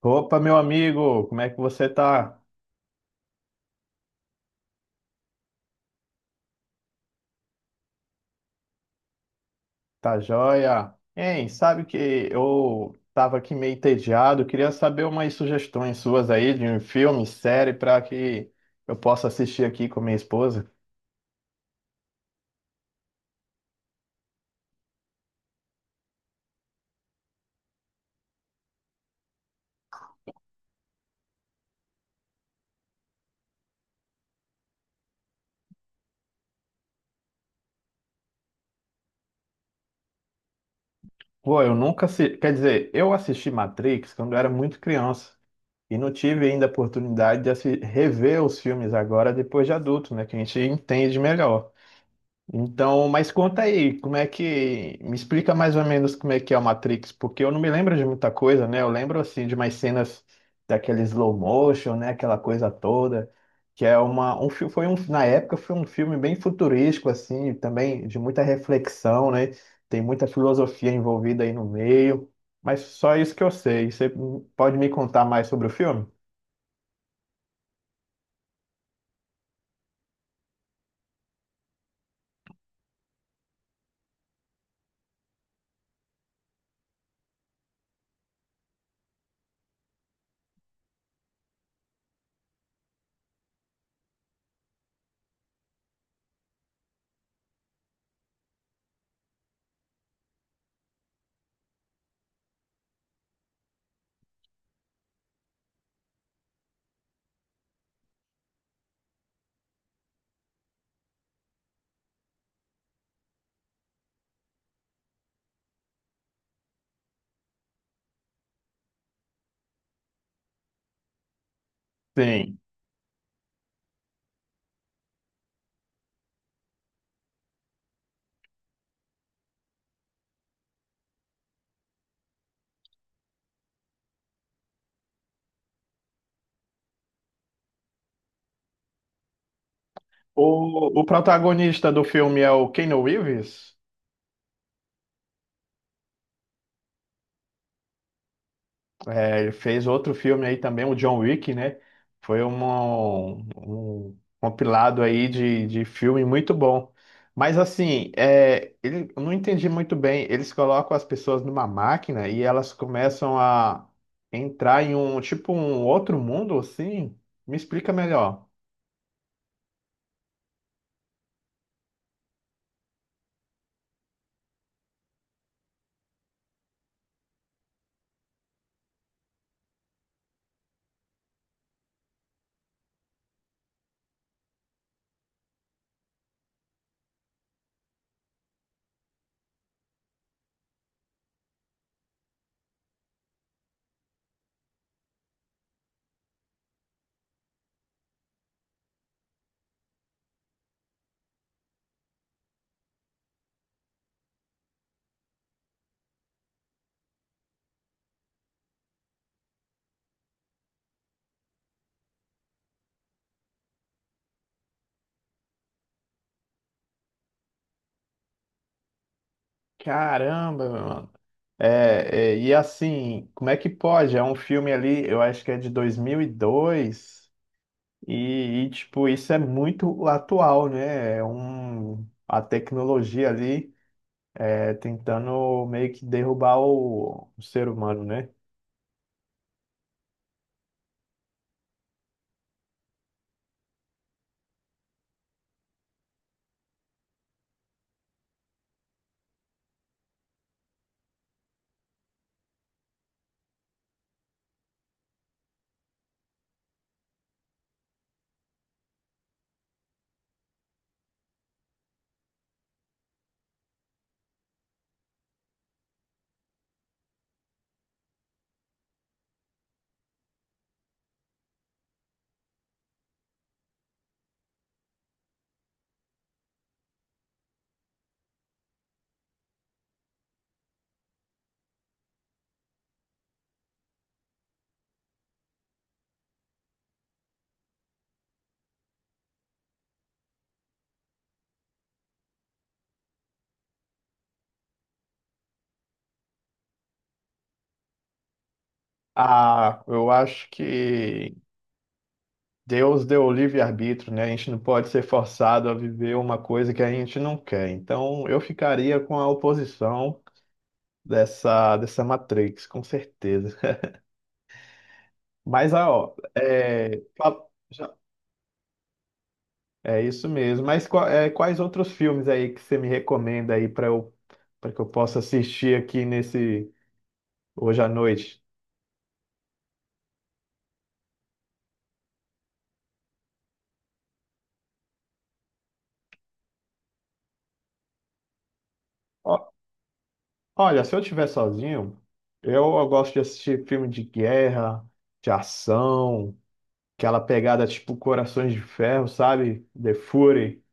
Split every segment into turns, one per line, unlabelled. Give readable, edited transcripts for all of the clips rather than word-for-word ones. Opa, meu amigo, como é que você tá? Tá joia? Hein, sabe que eu tava aqui meio entediado, queria saber umas sugestões suas aí de um filme, série, para que eu possa assistir aqui com minha esposa. Pô, eu nunca assisti, quer dizer, eu assisti Matrix quando eu era muito criança e não tive ainda a oportunidade de rever os filmes agora depois de adulto, né, que a gente entende melhor. Então, mas conta aí, como é que. Me explica mais ou menos como é que é o Matrix, porque eu não me lembro de muita coisa, né? Eu lembro, assim, de umas cenas daquele slow motion, né? Aquela coisa toda, que é uma. Na época foi um filme bem futurístico, assim, também de muita reflexão, né? Tem muita filosofia envolvida aí no meio, mas só isso que eu sei. Você pode me contar mais sobre o filme? Sim. O protagonista do filme é o Keanu Reeves? É, ele fez outro filme aí também, o John Wick, né? Foi um compilado aí de filme muito bom. Mas assim, é, ele, eu não entendi muito bem. Eles colocam as pessoas numa máquina e elas começam a entrar em um tipo um outro mundo assim. Me explica melhor. Caramba, mano. E assim, como é que pode? É um filme ali, eu acho que é de 2002. Tipo, isso é muito atual, né? É um, a tecnologia ali é tentando meio que derrubar o ser humano, né? Ah, eu acho que Deus deu o livre-arbítrio, né? A gente não pode ser forçado a viver uma coisa que a gente não quer. Então, eu ficaria com a oposição dessa Matrix, com certeza. Mas, ó, é, é isso mesmo. Mas é, quais outros filmes aí que você me recomenda aí para que eu possa assistir aqui nesse hoje à noite? Ó, olha, se eu estiver sozinho, eu gosto de assistir filme de guerra, de ação, aquela pegada tipo Corações de Ferro, sabe? The Fury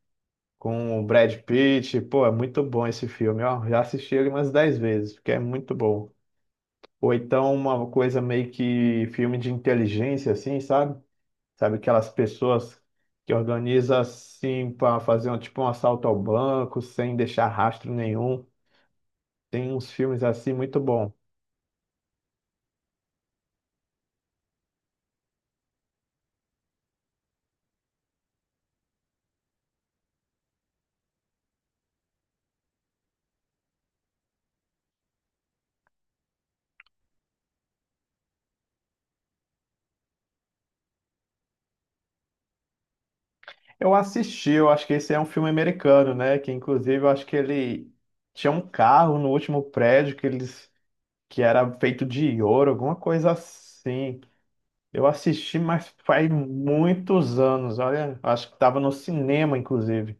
com o Brad Pitt. Pô, é muito bom esse filme, ó. Já assisti ele umas 10 vezes, porque é muito bom. Ou então uma coisa meio que filme de inteligência assim, sabe? Sabe aquelas pessoas que organizam assim para fazer um, tipo um assalto ao banco sem deixar rastro nenhum. Tem uns filmes assim muito bom. Eu assisti, eu acho que esse é um filme americano, né? Que inclusive eu acho que ele tinha um carro no último prédio que era feito de ouro, alguma coisa assim. Eu assisti, mas faz muitos anos. Olha, acho que estava no cinema, inclusive.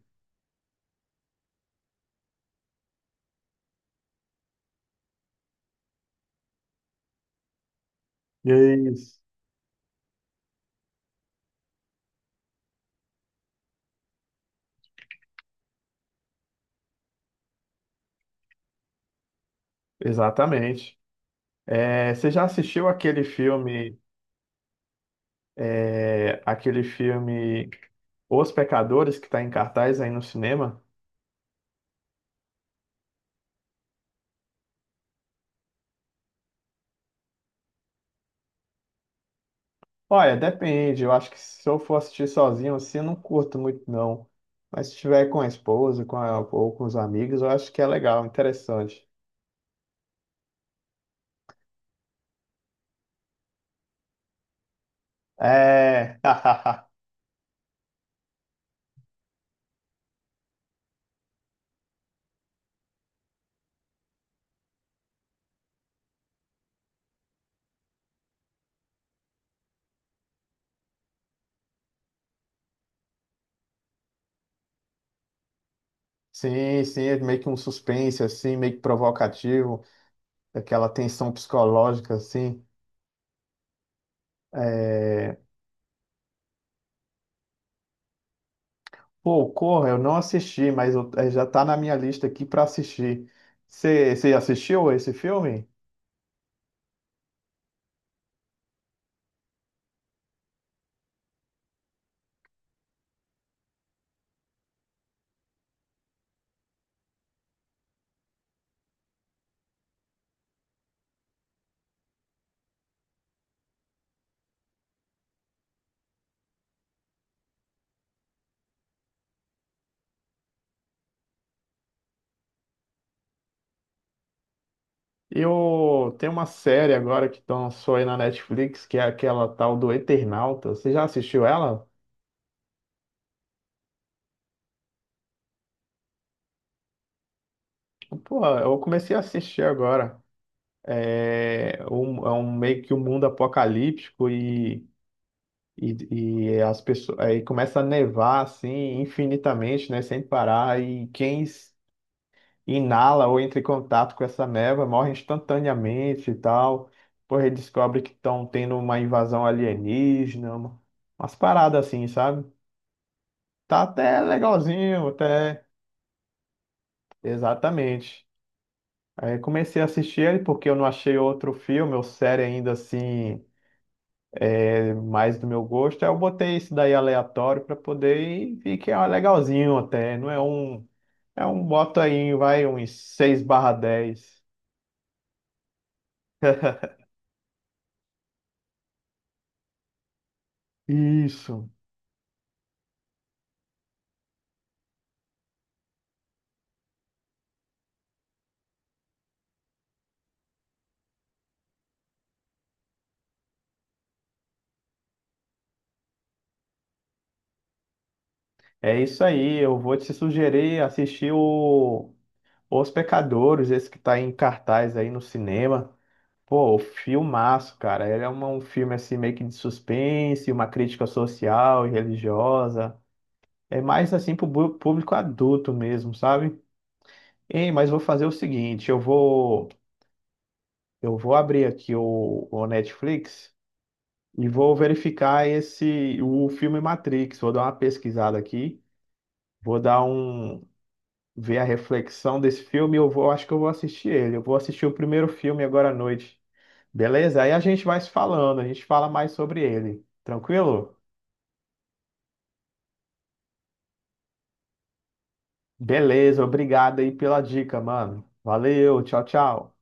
Isso. Exatamente. É, você já assistiu aquele filme? É aquele filme Os Pecadores, que está em cartaz aí no cinema. Olha, depende. Eu acho que se eu for assistir sozinho, assim, eu não curto muito, não. Mas se tiver com a esposa, ou com os amigos, eu acho que é legal, interessante. É. Sim, sim, é meio que um suspense, assim, meio que provocativo, aquela tensão psicológica, assim. É... Pô, Corra, eu não assisti, é, já tá na minha lista aqui para assistir. Você assistiu esse filme? Eu tem uma série agora que lançou aí na Netflix, que é aquela tal do Eternauta. Você já assistiu ela? Pô, eu comecei a assistir agora. É um meio que um mundo apocalíptico e, e as pessoas aí começa a nevar assim infinitamente, né, sem parar. E quem inala ou entra em contato com essa neva morre instantaneamente e tal. Porra, aí descobre que estão tendo uma invasão alienígena, umas paradas assim, sabe? Tá até legalzinho, até. Exatamente. Aí comecei a assistir ele porque eu não achei outro filme ou série ainda assim mais do meu gosto. Aí eu botei esse daí aleatório para poder e vi que é um legalzinho até. Não é um. É um bota aí, vai, uns 6/10 Isso. É isso aí. Eu vou te sugerir assistir o Os Pecadores, esse que tá em cartaz aí no cinema. Pô, o filmaço, cara. Ele é um filme assim meio que de suspense, uma crítica social e religiosa. É mais assim público adulto mesmo, sabe? Ei, mas vou fazer o seguinte, eu vou abrir aqui o Netflix e vou verificar esse o filme Matrix. Vou dar uma pesquisada aqui, vou dar um ver a reflexão desse filme, e eu vou acho que eu vou assistir ele. Eu vou assistir o primeiro filme agora à noite. Beleza? Aí a gente vai se falando, a gente fala mais sobre ele. Tranquilo? Beleza, obrigado aí pela dica, mano. Valeu, tchau, tchau.